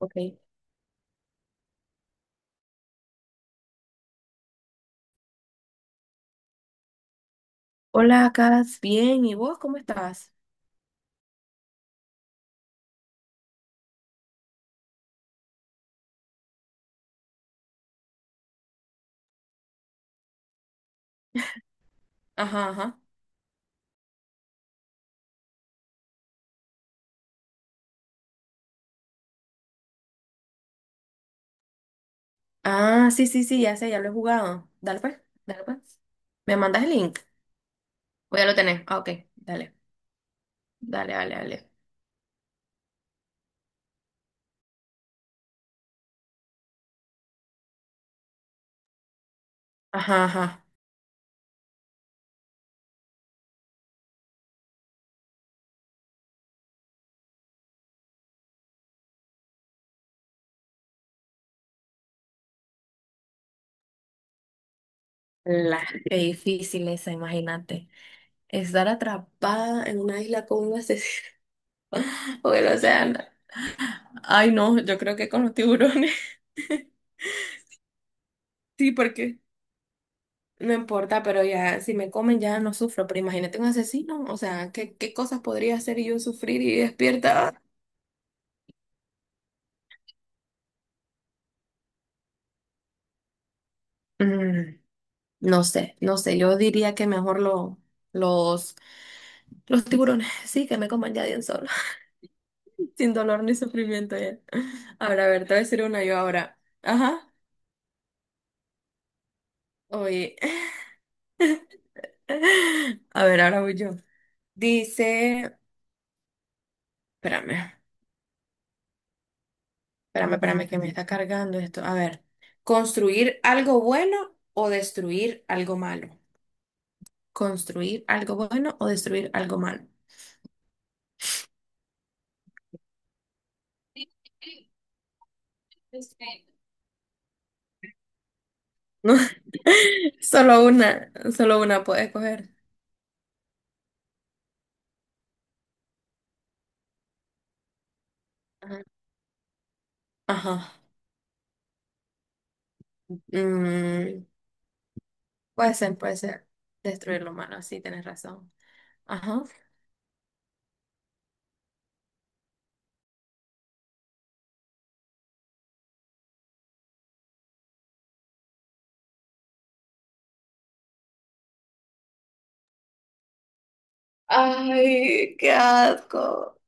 Ok. Hola, Cas, bien. ¿Y vos cómo estás? Ajá, ajá. Ah, sí, sí, sí, ya sé, ya lo he jugado. Dale pues, dale pues. ¿Me mandas el link? Voy a lo tener. Ah, ok. Dale, dale, dale, dale. Ajá, ajá. La, Qué difícil esa, imagínate. Estar atrapada en una isla con un asesino o el océano. Ay, no, yo creo que con los tiburones. Sí, porque. No importa, pero ya, si me comen ya no sufro, pero imagínate un asesino, o sea, ¿qué, qué cosas podría hacer y yo sufrir y despierta? Ah, mm, no sé, no sé, yo diría que mejor los, los tiburones, sí, que me coman ya de un solo, sin dolor ni sufrimiento ya. Ahora, a ver, te voy a decir una yo ahora. Ajá, oye, a ver, ahora voy yo. Dice, espérame, espérame, espérame, que me está cargando esto. A ver, ¿construir algo bueno o destruir algo malo? Construir algo bueno o destruir algo malo. No, solo una, solo una puede escoger. Ajá. Ajá. Mm, Puede ser, puede ser. Destruir lo malo, sí, tienes razón. Ajá. Ay, qué asco.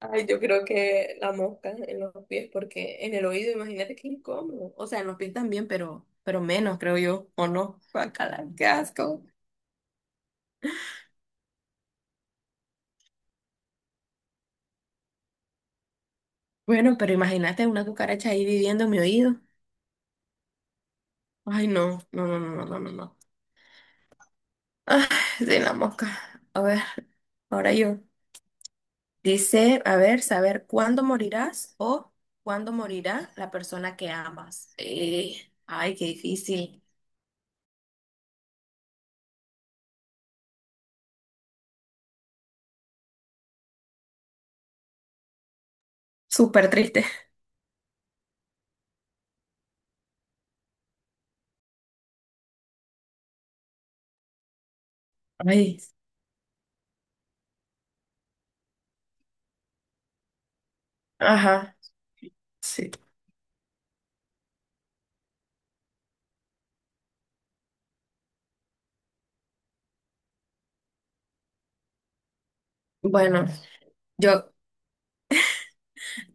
Ay, yo creo que la mosca en los pies, porque en el oído, imagínate qué incómodo. O sea, en los pies también, pero menos, creo yo, ¿o no? Guácala, qué asco. Bueno, pero imagínate una cucaracha ahí viviendo en mi oído. Ay, no, no, no, no, no, no, no, no. Ay, de la mosca. A ver, ahora yo. Dice, a ver, saber cuándo morirás o cuándo morirá la persona que amas. Ay, qué difícil. Súper triste. Ay, ajá, sí. Bueno, yo,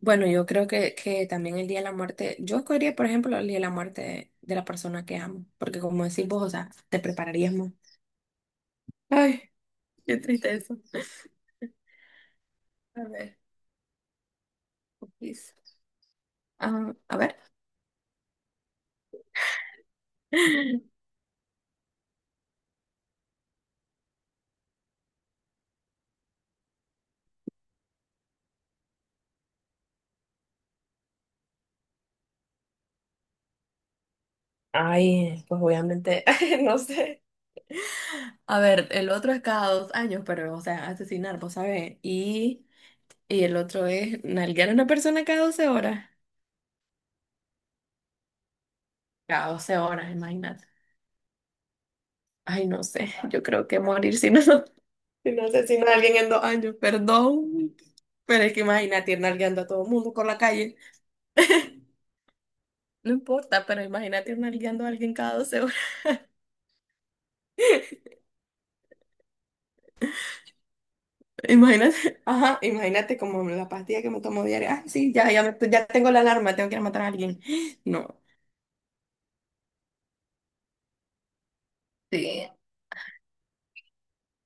bueno, yo creo que también el día de la muerte, yo escogería, por ejemplo, el día de la muerte de la persona que amo, porque como decís vos, o sea, te prepararías más. Ay, qué triste eso. A ver, please. Ah, a ver. Ay, pues obviamente, no sé. A ver, el otro es cada 2 años, pero, o sea, asesinar, vos sabés. Y el otro es nalguear a una persona cada 12 horas. Cada 12 horas, imagínate. Ay, no sé, yo creo que morir si no, si no asesino a alguien en 2 años, perdón. Pero es que imagínate ir nalgueando a todo el mundo por la calle. No importa, pero imagínate ir nalgueando a alguien cada 12 horas. Imagínate, ajá, imagínate como la pastilla que me tomo diaria. Ah, sí, ya, ya tengo la alarma, tengo que ir a matar a alguien. No. Sí.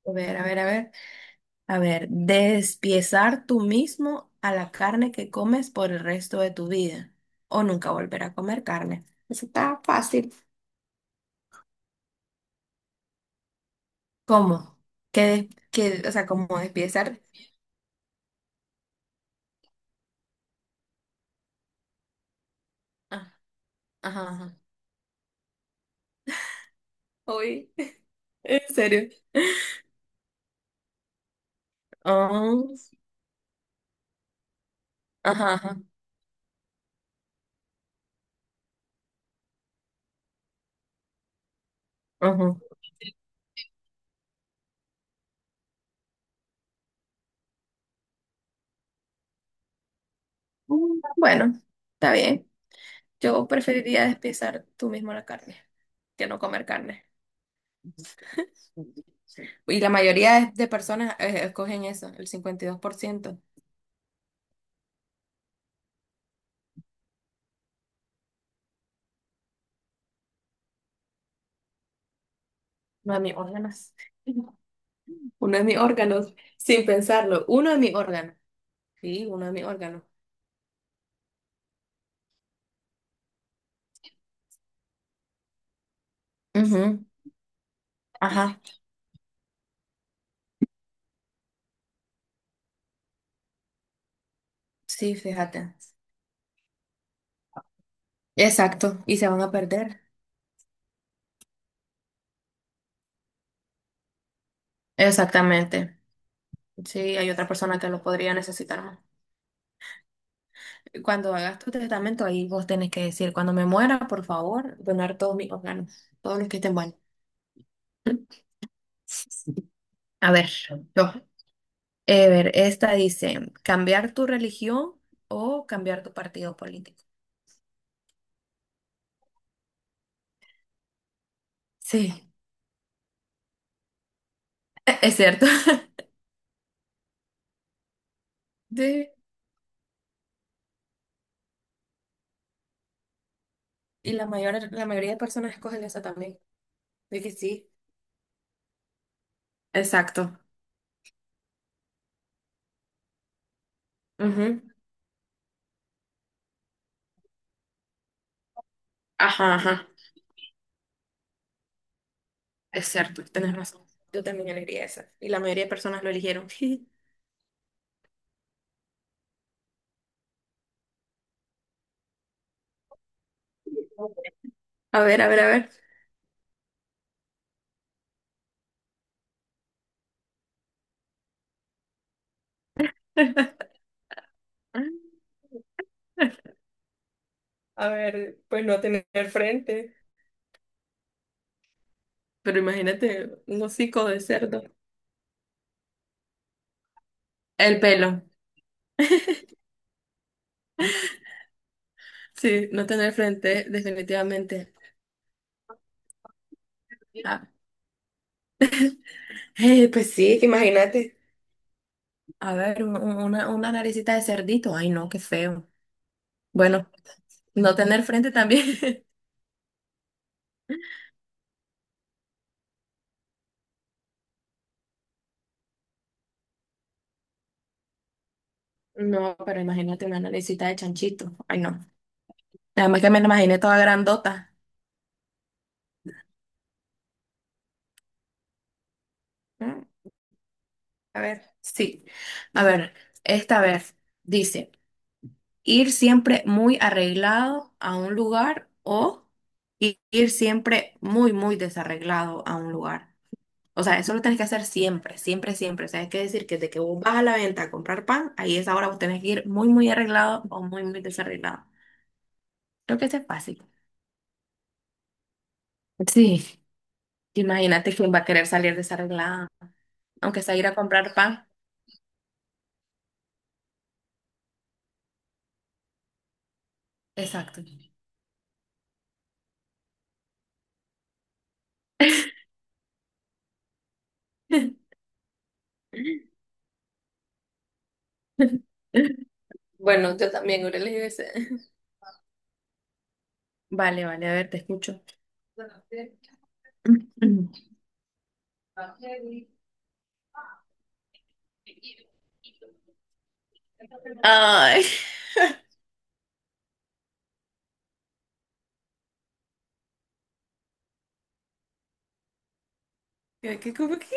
A ver, a ver, a ver. A ver, despiezar tú mismo a la carne que comes por el resto de tu vida o nunca volver a comer carne. Eso está fácil. ¿Cómo? ¿Qué, o sea, cómo despiezar? Ah, ajá, ajá. Uy. En serio. Ah, ajá, ajá. Ujú. Bueno, está bien. Yo preferiría despiezar tú mismo la carne que no comer carne. Y la mayoría de personas escogen eso, el 52%. Uno de mis órganos. Uno de mis órganos, sin pensarlo. Uno de mis órganos. Sí, uno de mis órganos. Ujú. Ajá. Sí, fíjate. Exacto. Y se van a perder. Exactamente. Sí, hay otra persona que lo podría necesitar más. Cuando hagas tu testamento, ahí vos tenés que decir, cuando me muera, por favor, donar todos mis órganos, todos los que estén buenos. A ver, yo. A ver, esta dice, cambiar tu religión o cambiar tu partido político. Sí, es cierto. Sí, y la mayoría de personas escogen esa también. De que sí. Exacto. Ujú. Ajá, ajá. Es cierto, tenés razón. Yo también elegiría esa. Y la mayoría de personas lo eligieron. A ver, a ver, a ver. A ver, pues no tener frente. Pero imagínate un hocico de cerdo. El pelo. Sí, no tener frente, definitivamente. Ah, pues sí, que imagínate. A ver, una naricita de cerdito. Ay, no, qué feo. Bueno, no tener frente también. No, pero imagínate una naricita de chanchito. Ay, no. Además que me la imaginé toda grandota. Mm, A ver, sí. A ver, esta vez dice: ir siempre muy arreglado a un lugar o ir siempre muy, muy desarreglado a un lugar. O sea, eso lo tenés que hacer siempre, siempre, siempre. O sea, hay que decir que desde que vos vas a la venta a comprar pan, ahí es ahora vos tenés que ir muy, muy arreglado o muy, muy desarreglado. Creo que eso es fácil. Sí, imagínate quién va a querer salir desarreglada, aunque sea ir a comprar pan. Exacto. Bueno, yo también hubiera elegido ese. Vale, vale, a ver, te escucho. Ay, que como que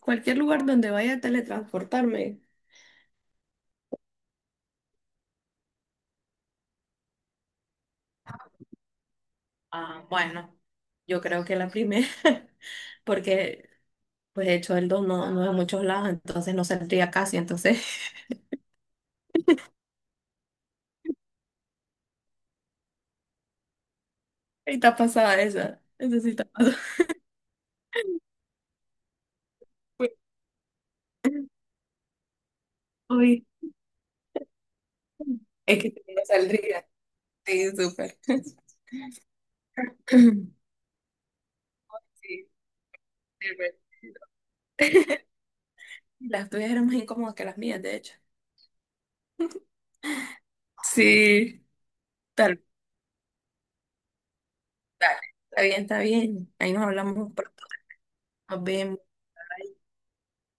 cualquier lugar donde vaya a teletransportarme. Ah, bueno, yo creo que la primera, porque pues de hecho el don no es en muchos lados, entonces no saldría casi, entonces ahí está pasada esa, sí está pasada. Pues. Uy, es que sí, no saldría. Sí, súper. Sí, sí, bueno. Las tuyas eran más incómodas que las mías, de hecho. Sí, tal, dale. Está bien, está bien. Ahí nos hablamos pronto. Nos vemos.